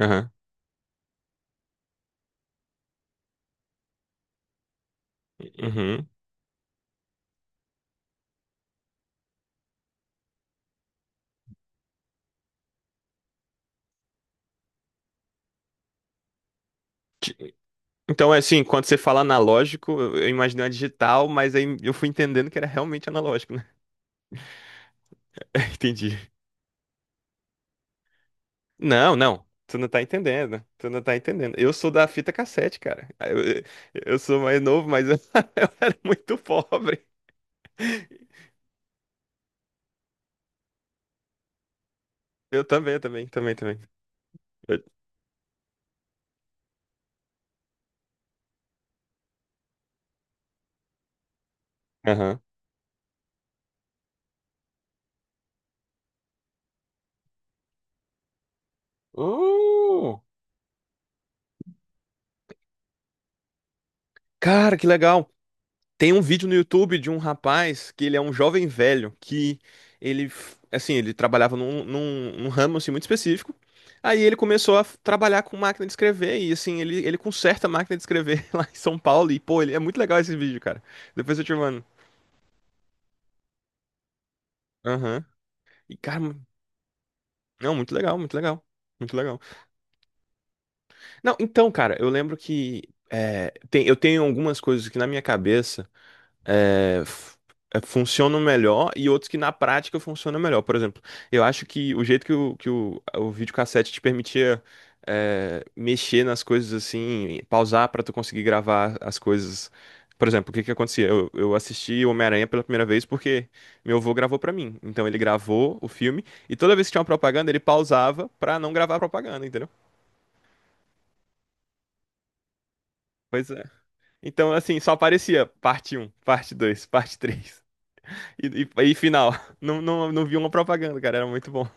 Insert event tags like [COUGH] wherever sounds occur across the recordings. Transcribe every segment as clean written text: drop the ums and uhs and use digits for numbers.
Aham. Uhum. Ti- Então, é assim, quando você fala analógico, eu imaginei uma digital, mas aí eu fui entendendo que era realmente analógico, né? [LAUGHS] Entendi. Não, não. Tu não tá entendendo. Tu não tá entendendo. Eu sou da fita cassete, cara. Sou mais novo, mas eu, [LAUGHS] eu era muito pobre. Eu também, também, também. Eu- Aham. Uh, cara, que legal. Tem um vídeo no YouTube de um rapaz que ele é um jovem velho que assim, ele trabalhava num ramo assim, muito específico. Aí ele começou trabalhar com máquina de escrever e assim, ele conserta a máquina de escrever [LAUGHS] lá em São Paulo. E pô, ele, é muito legal esse vídeo, cara. Depois eu te mando. Aham. E cara, não, muito legal, muito legal. Muito legal. Não, então, cara, eu lembro que eu tenho algumas coisas que na minha cabeça. é, f- funcionam melhor e outros que na prática funcionam melhor. Por exemplo, eu acho que o jeito que o videocassete te permitia mexer nas coisas assim, pausar para tu conseguir gravar as coisas. Por exemplo, o que que acontecia? Eu assisti Homem-Aranha pela primeira vez porque meu avô gravou para mim. Então ele gravou o filme e toda vez que tinha uma propaganda ele pausava para não gravar a propaganda, entendeu? Pois é. Então, assim, só aparecia parte um, parte 2, [LAUGHS] parte 3. E final. [LAUGHS] Não, não, não vi uma propaganda, cara. Era muito bom.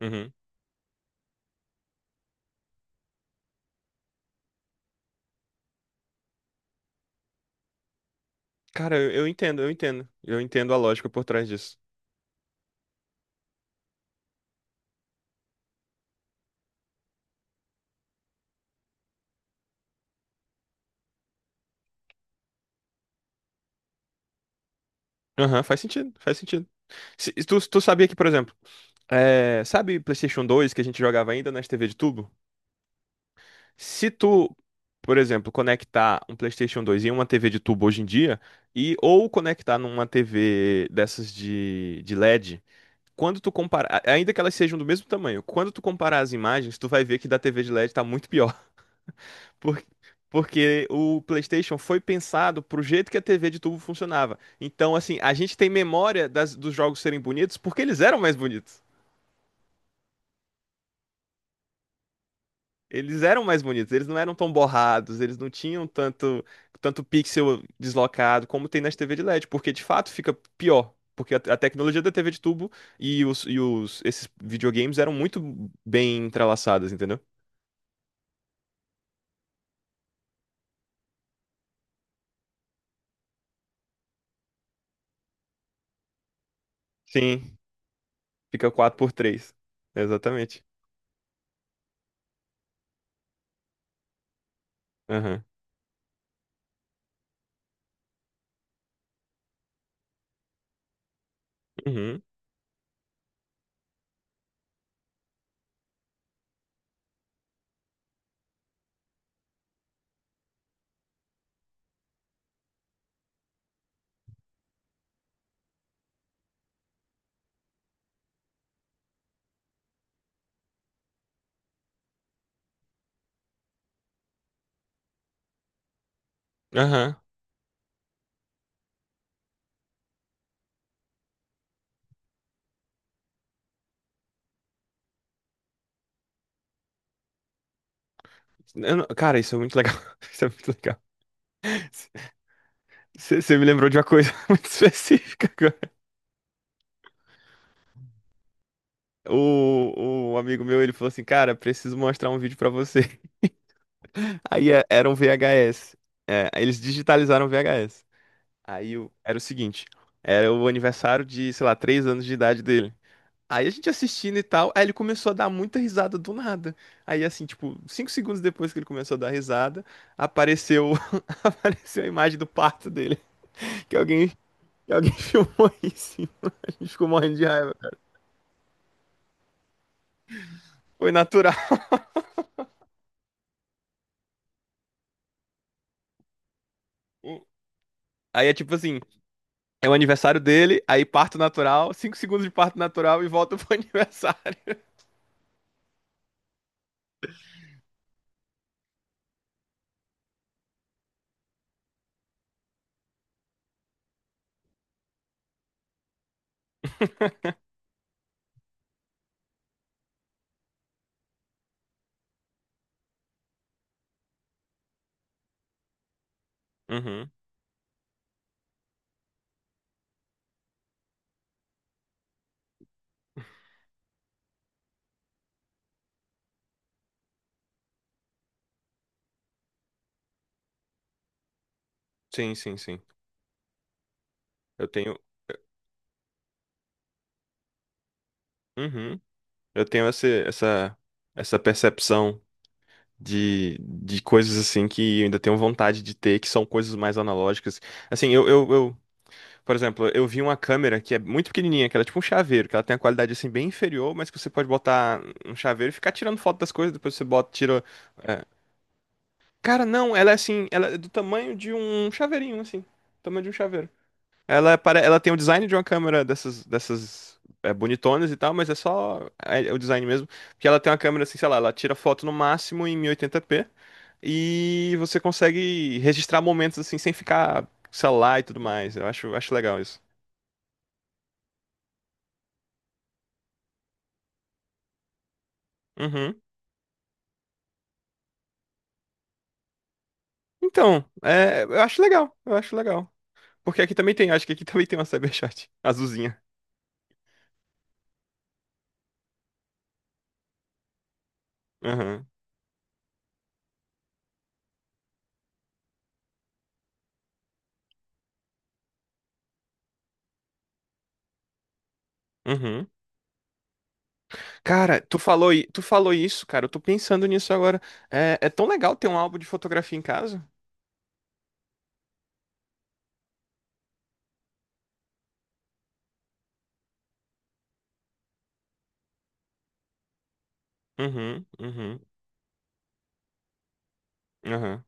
Uhum. Cara, eu entendo, eu entendo. Eu entendo a lógica por trás disso. Aham, faz sentido, faz sentido. Se, tu, tu sabia que, por exemplo, sabe PlayStation 2 que a gente jogava ainda nas TV de tubo? Se tu, por exemplo, conectar um PlayStation 2 em uma TV de tubo hoje em dia, e ou conectar numa TV dessas de LED, quando tu comparar, ainda que elas sejam do mesmo tamanho, quando tu comparar as imagens, tu vai ver que da TV de LED tá muito pior. Por- Porque o PlayStation foi pensado pro jeito que a TV de tubo funcionava. Então, assim, a gente tem memória dos jogos serem bonitos porque eles eram mais bonitos. Eles eram mais bonitos, eles não eram tão borrados, eles não tinham tanto pixel deslocado como tem nas TV de LED, porque de fato fica pior. Porque a tecnologia da TV de tubo e esses videogames eram muito bem entrelaçadas, entendeu? Sim, fica 4:3. Exatamente. Aham. Uhum. Aham. Eu não- Cara, isso é muito legal. [LAUGHS] Isso é muito legal. Você me lembrou de uma coisa [LAUGHS] muito específica agora. O amigo meu, ele falou assim, cara, preciso mostrar um vídeo pra você. [LAUGHS] Aí era um VHS. É, aí eles digitalizaram o VHS. Aí era o seguinte, era o aniversário de, sei lá, 3 anos de idade dele. Aí a gente assistindo e tal, aí ele começou a dar muita risada do nada. Aí assim, tipo, 5 segundos depois que ele começou a dar risada, apareceu, [LAUGHS] apareceu a imagem do parto dele, que alguém e alguém [LAUGHS] filmou isso, e a gente ficou morrendo de raiva. Foi natural. Aí é tipo assim: é o aniversário dele, aí parto natural, 5 segundos de parto natural e volta [LAUGHS] pro aniversário. Uhum. Sim, sim, sim. Eu tenho. Uhum. Eu tenho essa percepção de coisas assim que eu ainda tenho vontade de ter, que são coisas mais analógicas. Assim, eu por exemplo, eu vi uma câmera que é muito pequenininha, que ela é tipo um chaveiro, que ela tem a qualidade assim bem inferior, mas que você pode botar um chaveiro e ficar tirando foto das coisas, depois você bota, tira. É. Cara, não, ela é assim, ela é do tamanho de um chaveirinho, assim. Tamanho de um chaveiro. Ela tem o design de uma câmera dessas, bonitonas e tal, mas é só o design mesmo. Porque ela tem uma câmera assim, sei lá, ela tira foto no máximo em 1080p e oitenta p e você consegue registrar momentos assim sem ficar celular e tudo mais. Eu acho legal isso. Uhum. Então, eu acho legal, eu acho legal. Porque aqui também tem, acho que aqui [LAUGHS] também tem uma Cyberchat azulzinha. Aham. Uhum. Cara, tu falou isso, cara. Eu tô pensando nisso agora. É tão legal ter um álbum de fotografia em casa. Uhum, uhum, aham,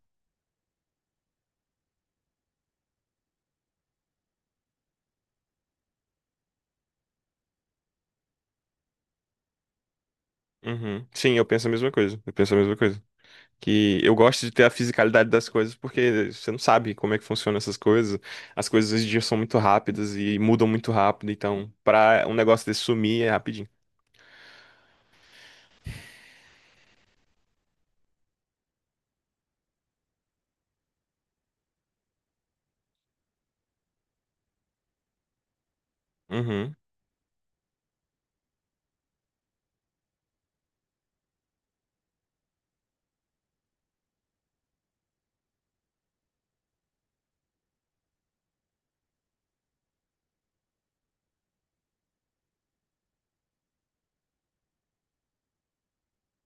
uhum. Sim, eu penso a mesma coisa. Eu penso a mesma coisa. Que eu gosto de ter a fisicalidade das coisas, porque você não sabe como é que funcionam essas coisas. As coisas hoje em dia são muito rápidas e mudam muito rápido. Então, pra um negócio desse sumir é rapidinho. Uhum,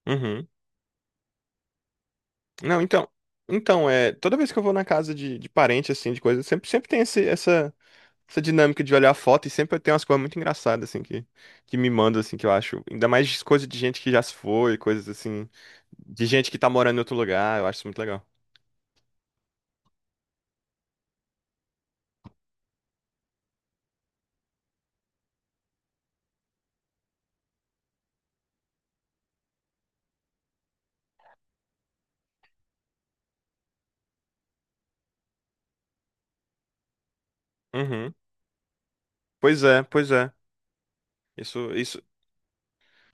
uhum. Não, então, toda vez que eu vou na casa de parente assim, de coisa, sempre tem esse, essa essa dinâmica de olhar a foto e sempre tem umas coisas muito engraçadas assim que me mandam assim que eu acho, ainda mais coisa de gente que já se foi, coisas assim de gente que tá morando em outro lugar, eu acho isso muito legal. Uhum. Pois é, pois é. Isso, isso.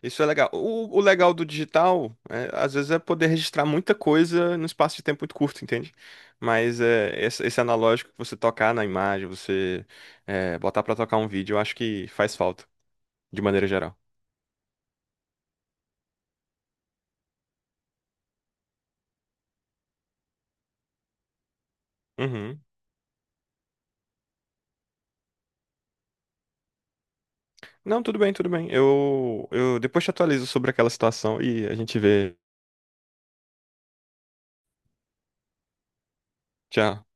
Isso é legal. O legal do digital, é, às vezes, é poder registrar muita coisa num espaço de tempo muito curto, entende? Mas esse analógico que você tocar na imagem, você botar pra tocar um vídeo, eu acho que faz falta, de maneira geral. Uhum. Não, tudo bem, tudo bem. Eu depois te atualizo sobre aquela situação e a gente vê. Tchau.